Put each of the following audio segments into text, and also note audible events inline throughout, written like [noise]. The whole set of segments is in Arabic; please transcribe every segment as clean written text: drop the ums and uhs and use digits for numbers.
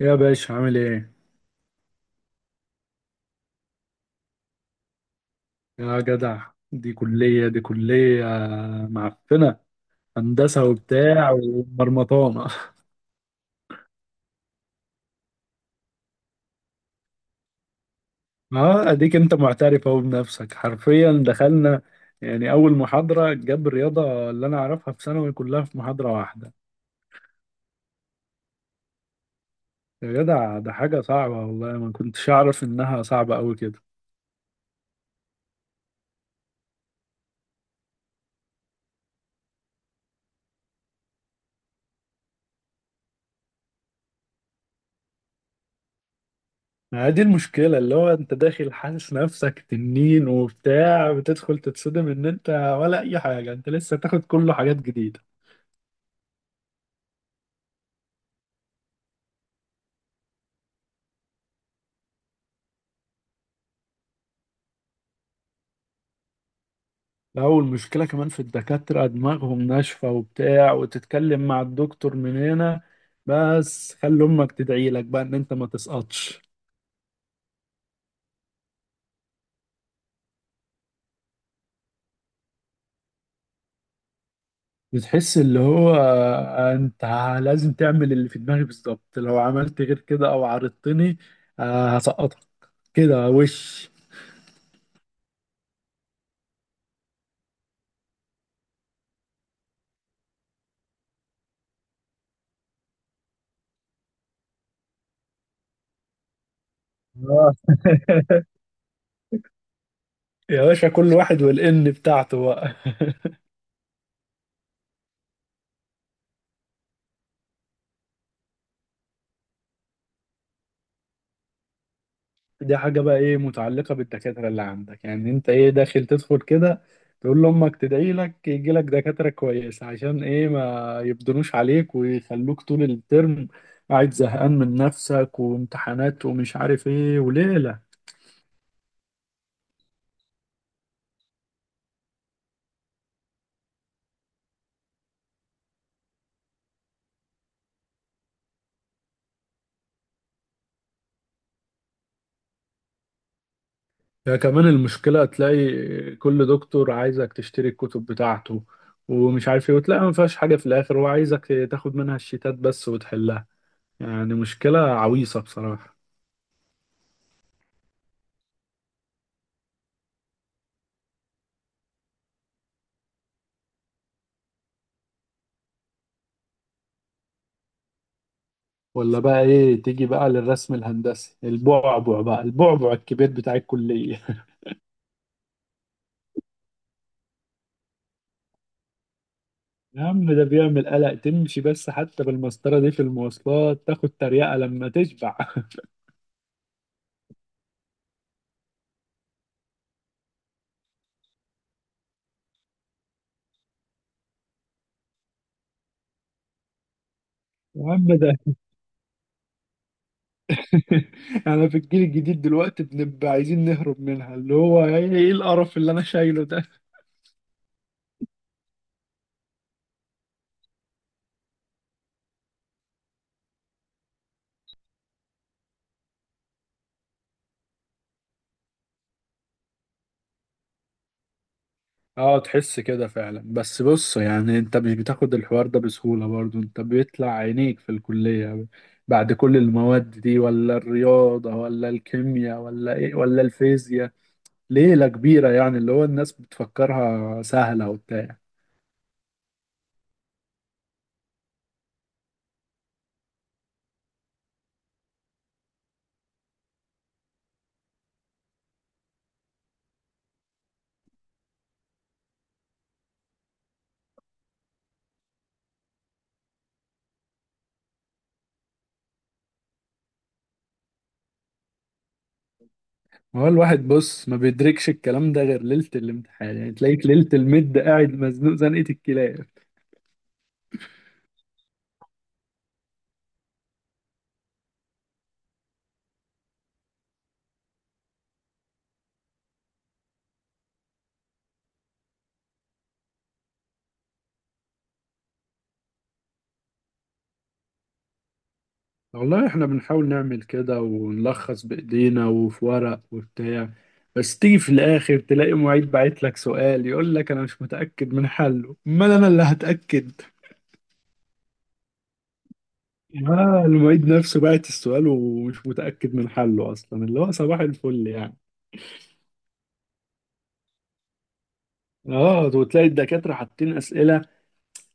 يا باشا عامل ايه؟ يا جدع دي كلية معفنة. هندسة وبتاع ومرمطانة [laughs] اه، اديك انت معترف اهو بنفسك. حرفيا دخلنا يعني اول محاضرة جاب الرياضة اللي انا اعرفها في ثانوي كلها في محاضرة واحدة. يا جدع، ده حاجة صعبة، والله ما كنتش اعرف انها صعبة قوي كده. ما هي دي المشكلة، اللي هو انت داخل حاسس نفسك تنين وبتاع، بتدخل تتصدم ان انت ولا اي حاجة، انت لسه تاخد كله حاجات جديدة. لا، والمشكلة كمان في الدكاترة، دماغهم ناشفة وبتاع، وتتكلم مع الدكتور من هنا. بس خلي أمك تدعي لك بقى إن أنت ما تسقطش. بتحس اللي هو أنت لازم تعمل اللي في دماغي بالظبط، لو عملت غير كده أو عارضتني، آه، هسقطك كده وش. آه. [laughs] يا باشا، كل واحد والإن بتاعته بقى. دي حاجة بقى ايه متعلقة بالدكاترة اللي عندك، يعني انت ايه داخل تدخل كده؟ تقول لأمك تدعي لك يجي لك دكاترة كويسة، عشان ايه ما يبدنوش عليك ويخلوك طول الترم قاعد زهقان من نفسك وامتحانات ومش عارف ايه وليلة. ده كمان المشكلة، تلاقي كل دكتور عايزك تشتري الكتب بتاعته ومش عارف ايه، وتلاقي ما فيهاش حاجة في الآخر، هو عايزك تاخد منها الشيتات بس وتحلها. يعني مشكلة عويصة بصراحة. ولا بقى ايه، تيجي بقى للرسم الهندسي، البعبع بقى، البعبع الكبير بتاع الكلية. [laughs] يا عم، ده بيعمل قلق، تمشي بس حتى بالمسطرة دي في المواصلات تاخد تريقة لما تشبع [laughs] يا عم ده [laughs] انا في الجيل الجديد دلوقتي بنبقى عايزين نهرب منها. اللي هو ايه، إيه القرف اللي انا شايله ده؟ اه، تحس كده فعلا. بس بص، يعني انت مش بتاخد الحوار ده بسهولة برضو، انت بيطلع عينيك في الكلية بعد كل المواد دي، ولا الرياضة ولا الكيمياء ولا ايه ولا الفيزياء، ليلة كبيرة يعني، اللي هو الناس بتفكرها سهلة وبتاع. ما هو الواحد بص ما بيدركش الكلام ده غير ليلة الامتحان، يعني تلاقيك ليلة المد قاعد مزنوق زنقة الكلاب. والله احنا بنحاول نعمل كده ونلخص بايدينا وفي ورق وبتاع، بس تيجي في الاخر تلاقي معيد باعت لك سؤال يقول لك انا مش متاكد من حله، امال انا اللي هتاكد؟ اه، المعيد نفسه باعت السؤال ومش متاكد من حله اصلا، اللي هو صباح الفل يعني. اه، وتلاقي الدكاتره حاطين اسئله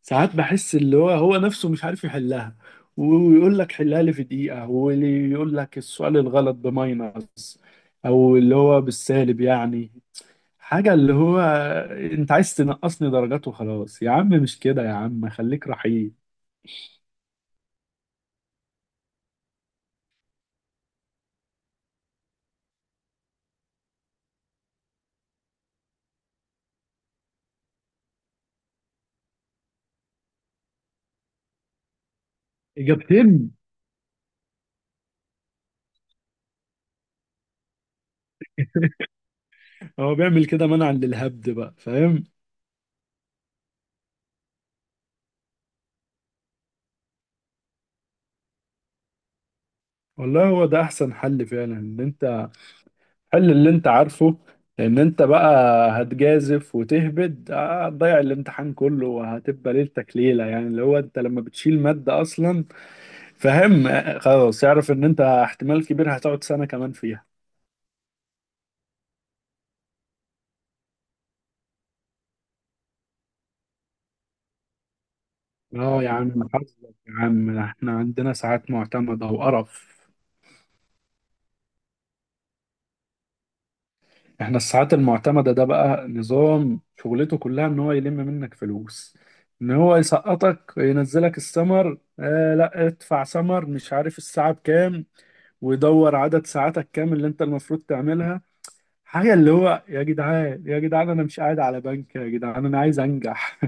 ساعات بحس اللي هو هو نفسه مش عارف يحلها، ويقول لك حلها لي في دقيقه. واللي يقول لك السؤال الغلط بماينس، او اللي هو بالسالب يعني. حاجة اللي هو انت عايز تنقصني درجات وخلاص؟ يا عم مش كده، يا عم خليك رحيم. اجابتين. هو بيعمل كده منعا للهبد بقى، فاهم. والله هو ده احسن حل فعلا، ان انت حل اللي انت عارفه. لان انت بقى هتجازف وتهبد، هتضيع الامتحان كله وهتبقى ليلتك ليلة. يعني اللي هو انت لما بتشيل مادة اصلا، فاهم، خلاص اعرف ان انت احتمال كبير هتقعد سنة كمان فيها. اه يا عم حظك، يا عم احنا عندنا ساعات معتمدة وقرف. احنا الساعات المعتمدة ده بقى نظام شغلته كلها ان هو يلم منك فلوس، ان هو يسقطك ينزلك السمر، آه، لا ادفع سمر، مش عارف الساعة بكام، ويدور عدد ساعاتك كام اللي انت المفروض تعملها. حاجة اللي هو يا جدعان، يا جدعان، انا مش قاعد على بنك يا جدعان، انا عايز انجح.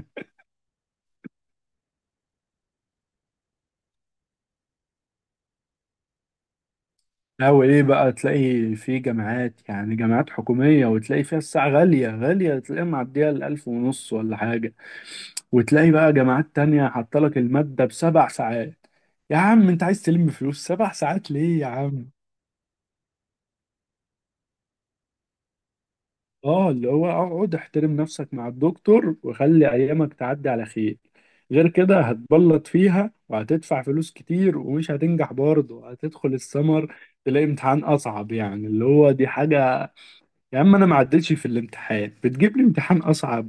أو إيه بقى، تلاقي في جامعات يعني جامعات حكومية، وتلاقي فيها الساعة غالية غالية، تلاقيها معدية الألف ونص ولا حاجة. وتلاقي بقى جامعات تانية حاطلك المادة بسبع ساعات. يا عم أنت عايز تلم فلوس 7 ساعات ليه يا عم؟ آه، اللي هو اقعد احترم نفسك مع الدكتور وخلي أيامك تعدي على خير. غير كده هتبلط فيها، وهتدفع فلوس كتير ومش هتنجح برضه، هتدخل السمر تلاقي امتحان أصعب. يعني اللي هو دي حاجة، يا عم انا ما عدتش في الامتحان بتجيب لي امتحان اصعب.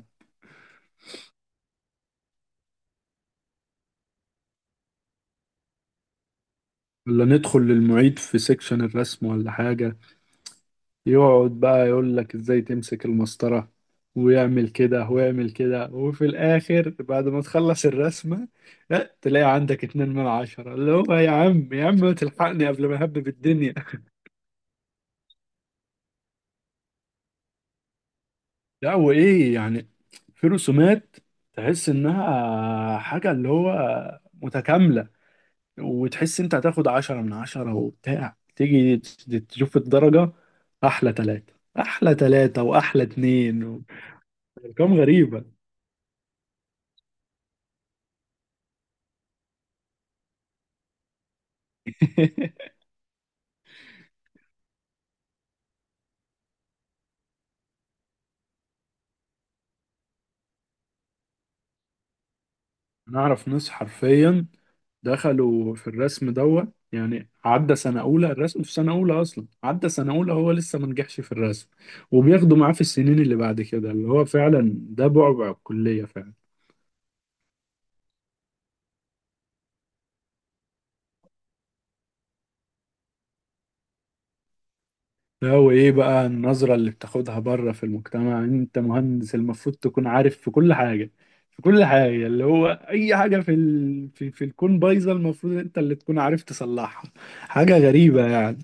ولا ندخل للمعيد في سيكشن الرسم ولا حاجة، يقعد بقى يقول لك ازاي تمسك المسطرة، ويعمل كده ويعمل كده، وفي الاخر بعد ما تخلص الرسمة لا تلاقي عندك 2 من 10. اللي هو يا عم، يا عم ما تلحقني قبل ما اهبب الدنيا. لا، وايه يعني، في رسومات تحس انها حاجة اللي هو متكاملة، وتحس انت هتاخد 10 من 10 وبتاع، تيجي تشوف الدرجة احلى تلاتة، احلى تلاتة واحلى اتنين. ارقام غريبة. [laughs] انا اعرف ناس حرفيا دخلوا في الرسم دوت، يعني عدى سنة أولى، الرسم في سنة أولى أصلا، عدى سنة أولى هو لسه ما نجحش في الرسم، وبياخدوا معاه في السنين اللي بعد كده، اللي هو فعلا ده بعبع الكلية فعلا. لا، وايه بقى النظرة اللي بتاخدها بره في المجتمع، انت مهندس المفروض تكون عارف في كل حاجة، في كل حاجة، اللي هو اي حاجة في الكون بايظة، المفروض انت اللي تكون عارف تصلحها. حاجة غريبة يعني.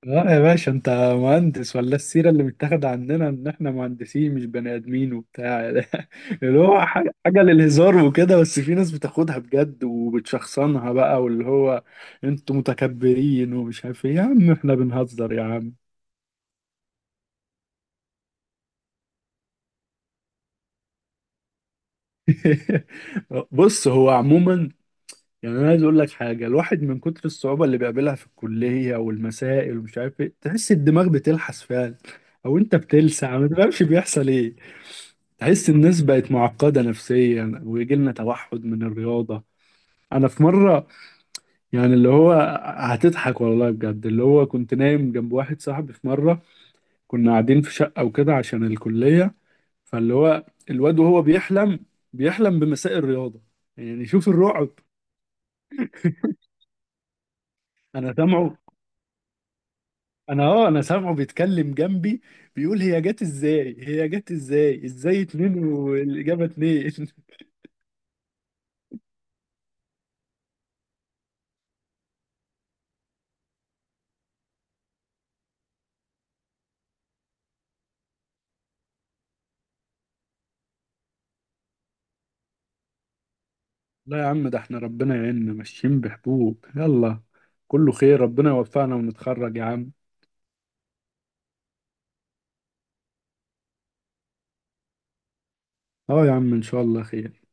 اه يا باشا، انت مهندس ولا السيرة اللي متاخدة عندنا ان احنا مهندسين مش بني ادمين وبتاع [laughs] اللي هو حاجة حاجة للهزار وكده، بس في ناس بتاخدها بجد وبتشخصنها بقى، واللي هو انتوا متكبرين ومش عارف ايه. يا عم احنا بنهزر يا عم. [laughs] بص هو عموما يعني، انا عايز اقول لك حاجه، الواحد من كتر الصعوبه اللي بيقابلها في الكليه والمسائل ومش عارف ايه، تحس الدماغ بتلحس فعلا، او انت بتلسع ما تفهمش بيحصل ايه. تحس الناس بقت معقده نفسيا، ويجي لنا توحد من الرياضه. انا في مره، يعني اللي هو، هتضحك والله بجد، اللي هو كنت نايم جنب واحد صاحبي في مره، كنا قاعدين في شقه وكده عشان الكليه، فاللي هو الواد وهو بيحلم بمساء الرياضه، يعني شوف الرعب. انا سامعه، انا سامعه بيتكلم جنبي، بيقول هي جت ازاي، هي جت ازاي، ازاي اتنين والاجابه اتنين [laughs] لا يا عم، ده احنا ربنا يعيننا ماشيين بحبوب يلا، كله خير، ربنا يوفقنا ونتخرج يا عم. اه يا عم، ان شاء الله خير.